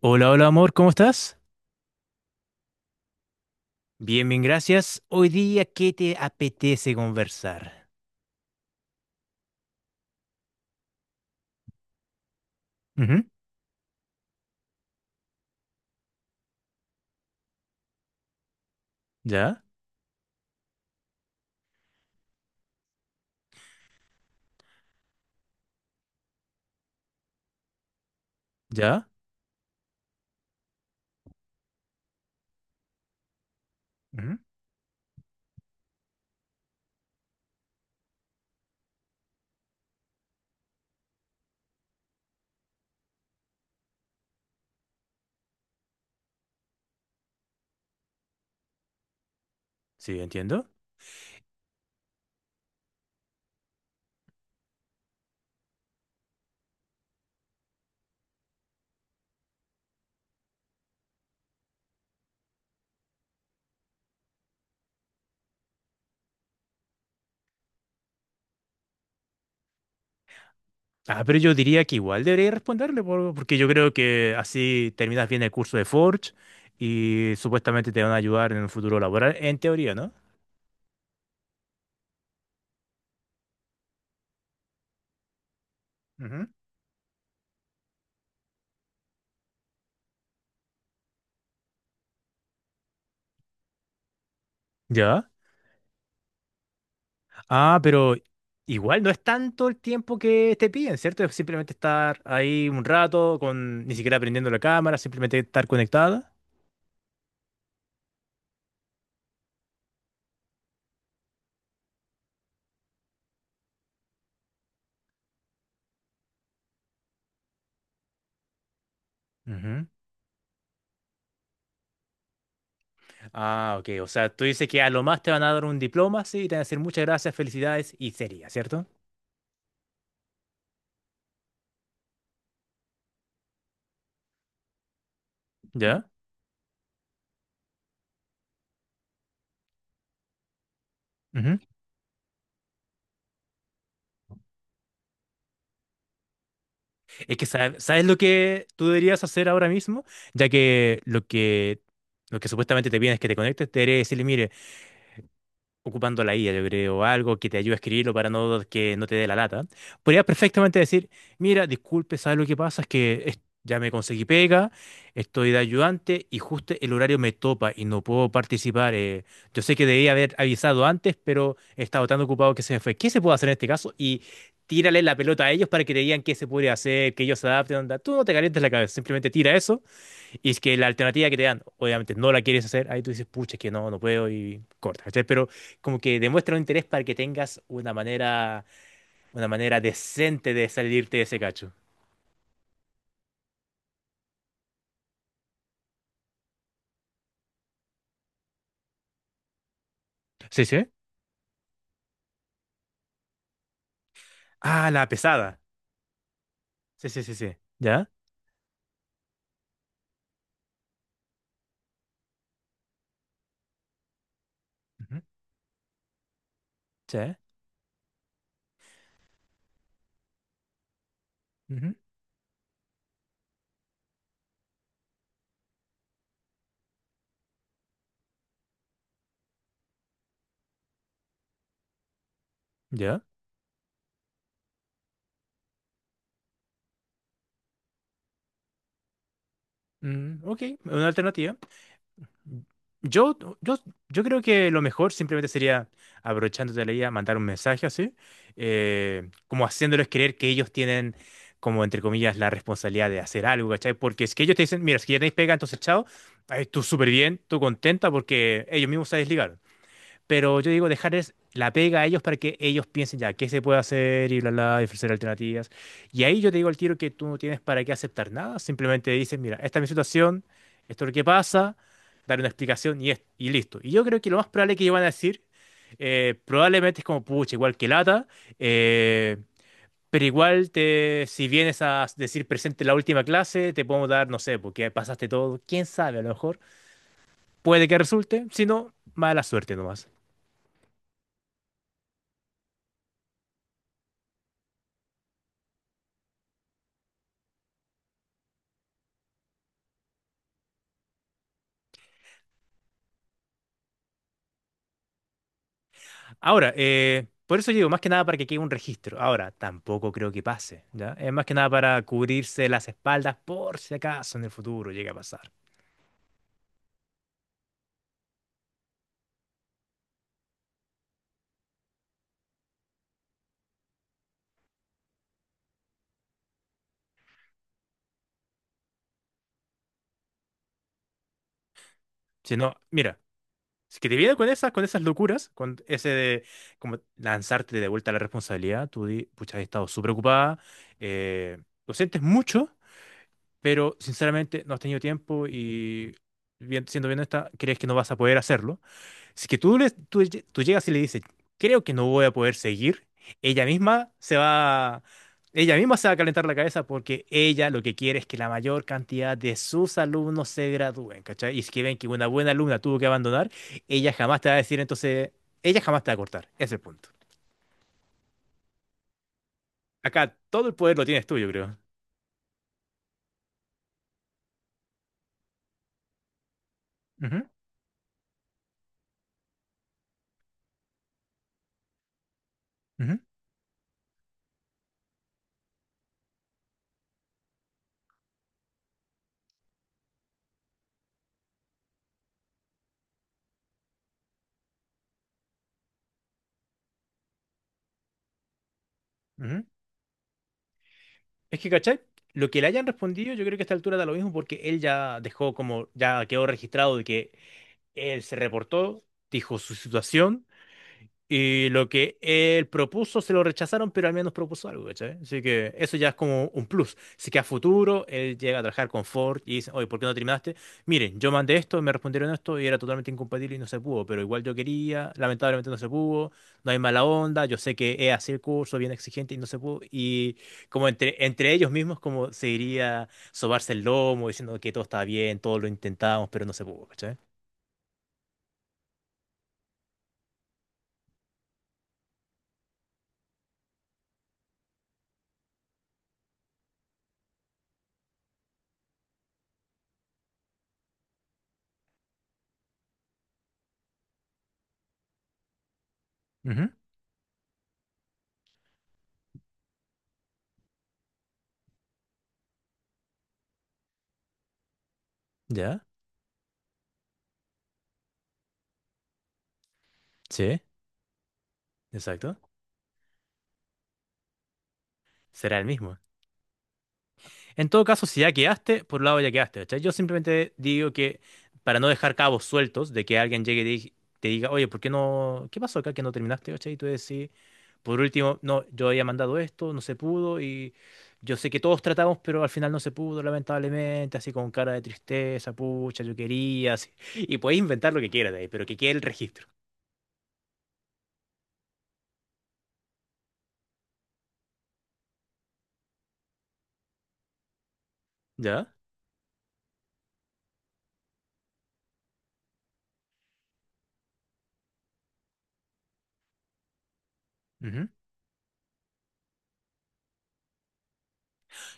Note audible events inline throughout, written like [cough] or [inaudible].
Hola, hola amor, ¿cómo estás? Bien, bien, gracias. Hoy día, ¿qué te apetece conversar? Ujú. Ya, ya. Ujú. Sí, entiendo. Ah, pero yo diría que igual debería responderle, porque yo creo que así terminas bien el curso de Forge y supuestamente te van a ayudar en un futuro laboral, en teoría, ¿no? Ujú. Ya. Ah, pero igual no es tanto el tiempo que te piden, ¿cierto? Es simplemente estar ahí un rato, con ni siquiera prendiendo la cámara, simplemente estar conectada. Ah, ok. O sea, tú dices que a lo más te van a dar un diploma, sí, y te van a decir muchas gracias, felicidades y sería, ¿cierto? ¿Ya? Ujú. Es que sabes lo que tú deberías hacer ahora mismo, ya que lo que supuestamente te piden es que te conectes, te debería decirle, mire, ocupando la IA, yo creo, algo que te ayude a escribirlo para no que no te dé la lata, podrías perfectamente decir, mira, disculpe, ¿sabes lo que pasa? Es que ya me conseguí pega, estoy de ayudante y justo el horario me topa y no puedo participar. Yo sé que debía haber avisado antes, pero he estado tan ocupado que se me fue. ¿Qué se puede hacer en este caso? Y tírale la pelota a ellos para que te digan qué se puede hacer, que ellos se adapten, onda. Tú no te calientes la cabeza, simplemente tira eso y es que la alternativa que te dan, obviamente no la quieres hacer, ahí tú dices, pucha, es que no, no puedo y corta, ¿cachai? Pero como que demuestra un interés para que tengas una manera decente de salirte de ese cacho. Sí, sí. Ah, la pesada. Sí, sí, sí, sí. ¿Ya? Ujú. Sí. Ujú. ¿Ya? Mm, ok, una alternativa. Yo, yo, yo creo que lo mejor simplemente sería, aprovechándote de la idea, mandar un mensaje así, como haciéndoles creer que ellos tienen, como entre comillas, la responsabilidad de hacer algo, ¿cachai? Porque es que ellos te dicen, mira, es que ya tenéis pega, entonces chao, ahí tú súper bien, tú contenta porque ellos mismos se desligaron. Pero yo digo, dejarles la pega a ellos para que ellos piensen ya qué se puede hacer y bla, bla, y ofrecer alternativas. Y ahí yo te digo al tiro que tú no tienes para qué aceptar nada. Simplemente dices, mira, esta es mi situación, esto es lo que pasa, dar una explicación y listo. Y yo creo que lo más probable que ellos van a decir, probablemente es como, pucha, igual que lata, eh, pero igual te, si vienes a decir presente en la última clase, te podemos dar, no sé, porque pasaste todo, quién sabe, a lo mejor puede que resulte, si no, mala suerte nomás. Ahora, por eso digo, más que nada para que quede un registro. Ahora, tampoco creo que pase, ¿ya? Es más que nada para cubrirse las espaldas por si acaso en el futuro llega a pasar. Si no, mira, si que te viene con esas locuras, con ese de como lanzarte de vuelta a la responsabilidad, tú di, pucha, he estado súper ocupada, eh, lo sientes mucho, pero sinceramente no has tenido tiempo y bien, siendo bien esta, crees que no vas a poder hacerlo. Si que tú llegas y le dices, creo que no voy a poder seguir, ella misma se va, ella misma se va a calentar la cabeza porque ella lo que quiere es que la mayor cantidad de sus alumnos se gradúen, ¿cachai? Y si que ven que una buena alumna tuvo que abandonar, ella jamás te va a decir, entonces, ella jamás te va a cortar. Ese es el punto. Acá todo el poder lo tienes tú, yo creo. Ujú, ujú, ujú. Es que, ¿cachai? Lo que le hayan respondido, yo creo que a esta altura da lo mismo porque él ya dejó como, ya quedó registrado de que él se reportó, dijo su situación y lo que él propuso se lo rechazaron, pero al menos propuso algo, ¿cachai? Así que eso ya es como un plus. Así que a futuro él llega a trabajar con Ford y dice, oye, ¿por qué no terminaste? Miren, yo mandé esto, me respondieron esto y era totalmente incompatible y no se pudo, pero igual yo quería, lamentablemente no se pudo, no hay mala onda, yo sé que es así el curso, bien exigente y no se pudo. Y como entre ellos mismos, como se diría sobarse el lomo, diciendo que todo estaba bien, todo lo intentamos, pero no se pudo, ¿cachai? Ujú. ¿Ya? Sí, exacto. Será el mismo. En todo caso, si ya quedaste, por un lado ya quedaste, ¿cachai? Yo simplemente digo que para no dejar cabos sueltos de que alguien llegue y te diga, oye, ¿por qué no? ¿Qué pasó acá que no terminaste, ¿cachai? Y tú decís, por último, no, yo había mandado esto, no se pudo y yo sé que todos tratamos, pero al final no se pudo, lamentablemente, así con cara de tristeza, pucha, yo quería, así. Y puedes inventar lo que quieras de ahí, pero que quede el registro. ¿Ya?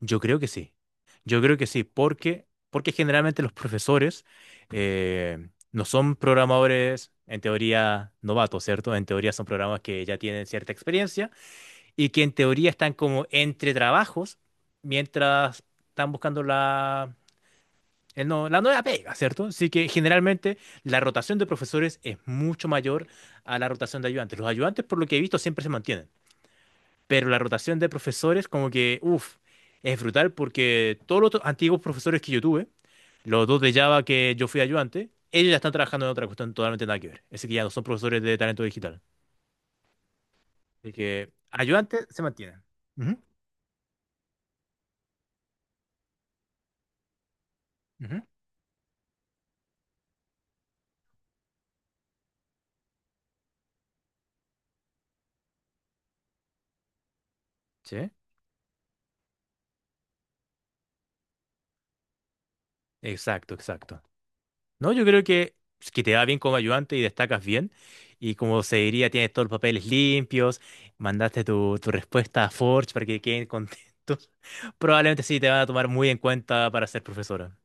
Yo creo que sí. Yo creo que sí, porque generalmente los profesores no son programadores en teoría novatos, ¿cierto? En teoría son programas que ya tienen cierta experiencia y que en teoría están como entre trabajos mientras están buscando la, el no- la nueva pega, ¿cierto? Así que generalmente la rotación de profesores es mucho mayor a la rotación de ayudantes. Los ayudantes, por lo que he visto, siempre se mantienen pero la rotación de profesores como que, uff, es brutal porque todos los antiguos profesores que yo tuve, los dos de Java que yo fui ayudante, ellos ya están trabajando en otra cuestión totalmente nada que ver. Así que ya no son profesores de talento digital. Así que ayudante se mantiene. Ujú, ujú. Sí, exacto, exacto. No, yo creo que, pues, que te va bien como ayudante y destacas bien. Y como se diría, tienes todos los papeles limpios, mandaste tu respuesta a Forge para que queden contentos. [laughs] Probablemente sí te van a tomar muy en cuenta para ser profesora.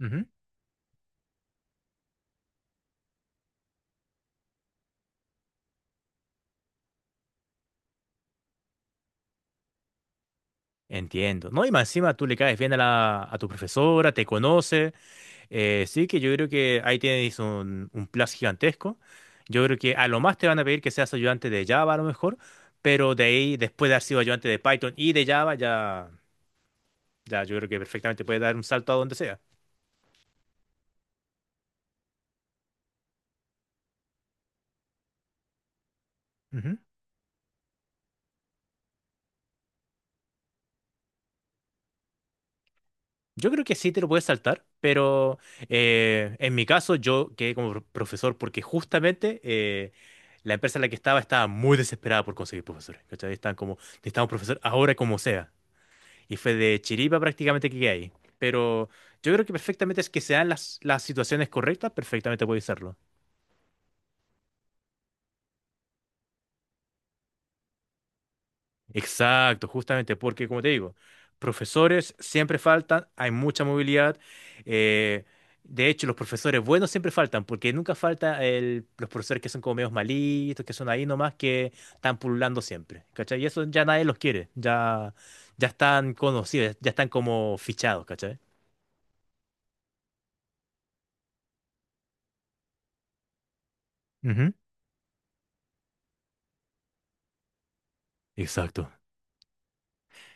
Ujú. Entiendo. No, y más encima tú le caes bien a tu profesora, te conoce. Sí que yo creo que ahí tienes un plus gigantesco. Yo creo que a lo más te van a pedir que seas ayudante de Java a lo mejor, pero de ahí, después de haber sido ayudante de Python y de Java, ya... Ya, yo creo que perfectamente puede dar un salto a donde sea. Ujú. Yo creo que sí te lo puedes saltar, pero en mi caso yo quedé como profesor porque justamente la empresa en la que estaba estaba muy desesperada por conseguir profesores. ¿Cachai? Estaban como, necesitamos un profesor ahora como sea. Y fue de chiripa prácticamente que quedé ahí. Pero yo creo que perfectamente es que sean las situaciones correctas, perfectamente puedes hacerlo. Exacto, justamente porque, como te digo, profesores siempre faltan, hay mucha movilidad. eh, de hecho, los profesores buenos siempre faltan, porque nunca falta los profesores que son como medios malitos, que son ahí nomás, que están pululando siempre. ¿Cachai? Y eso ya nadie los quiere, ya, ya están conocidos, ya están como fichados, ¿cachai? Ujú. Exacto.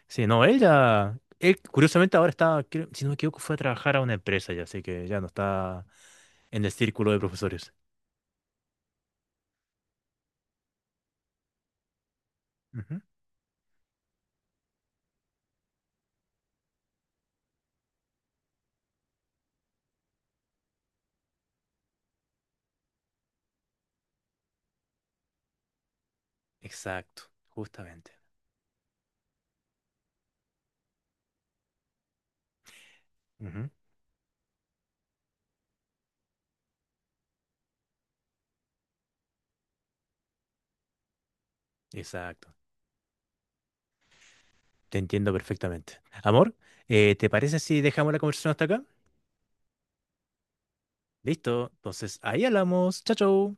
Sí, no, él ya, él curiosamente ahora está, si no me equivoco, fue a trabajar a una empresa ya, así que ya no está en el círculo de profesores. Ujú. Exacto, justamente. Ujú. Exacto. Te entiendo perfectamente. Amor, ¿te parece si dejamos la conversación hasta acá? Listo. Entonces, ahí hablamos. Chao, chao.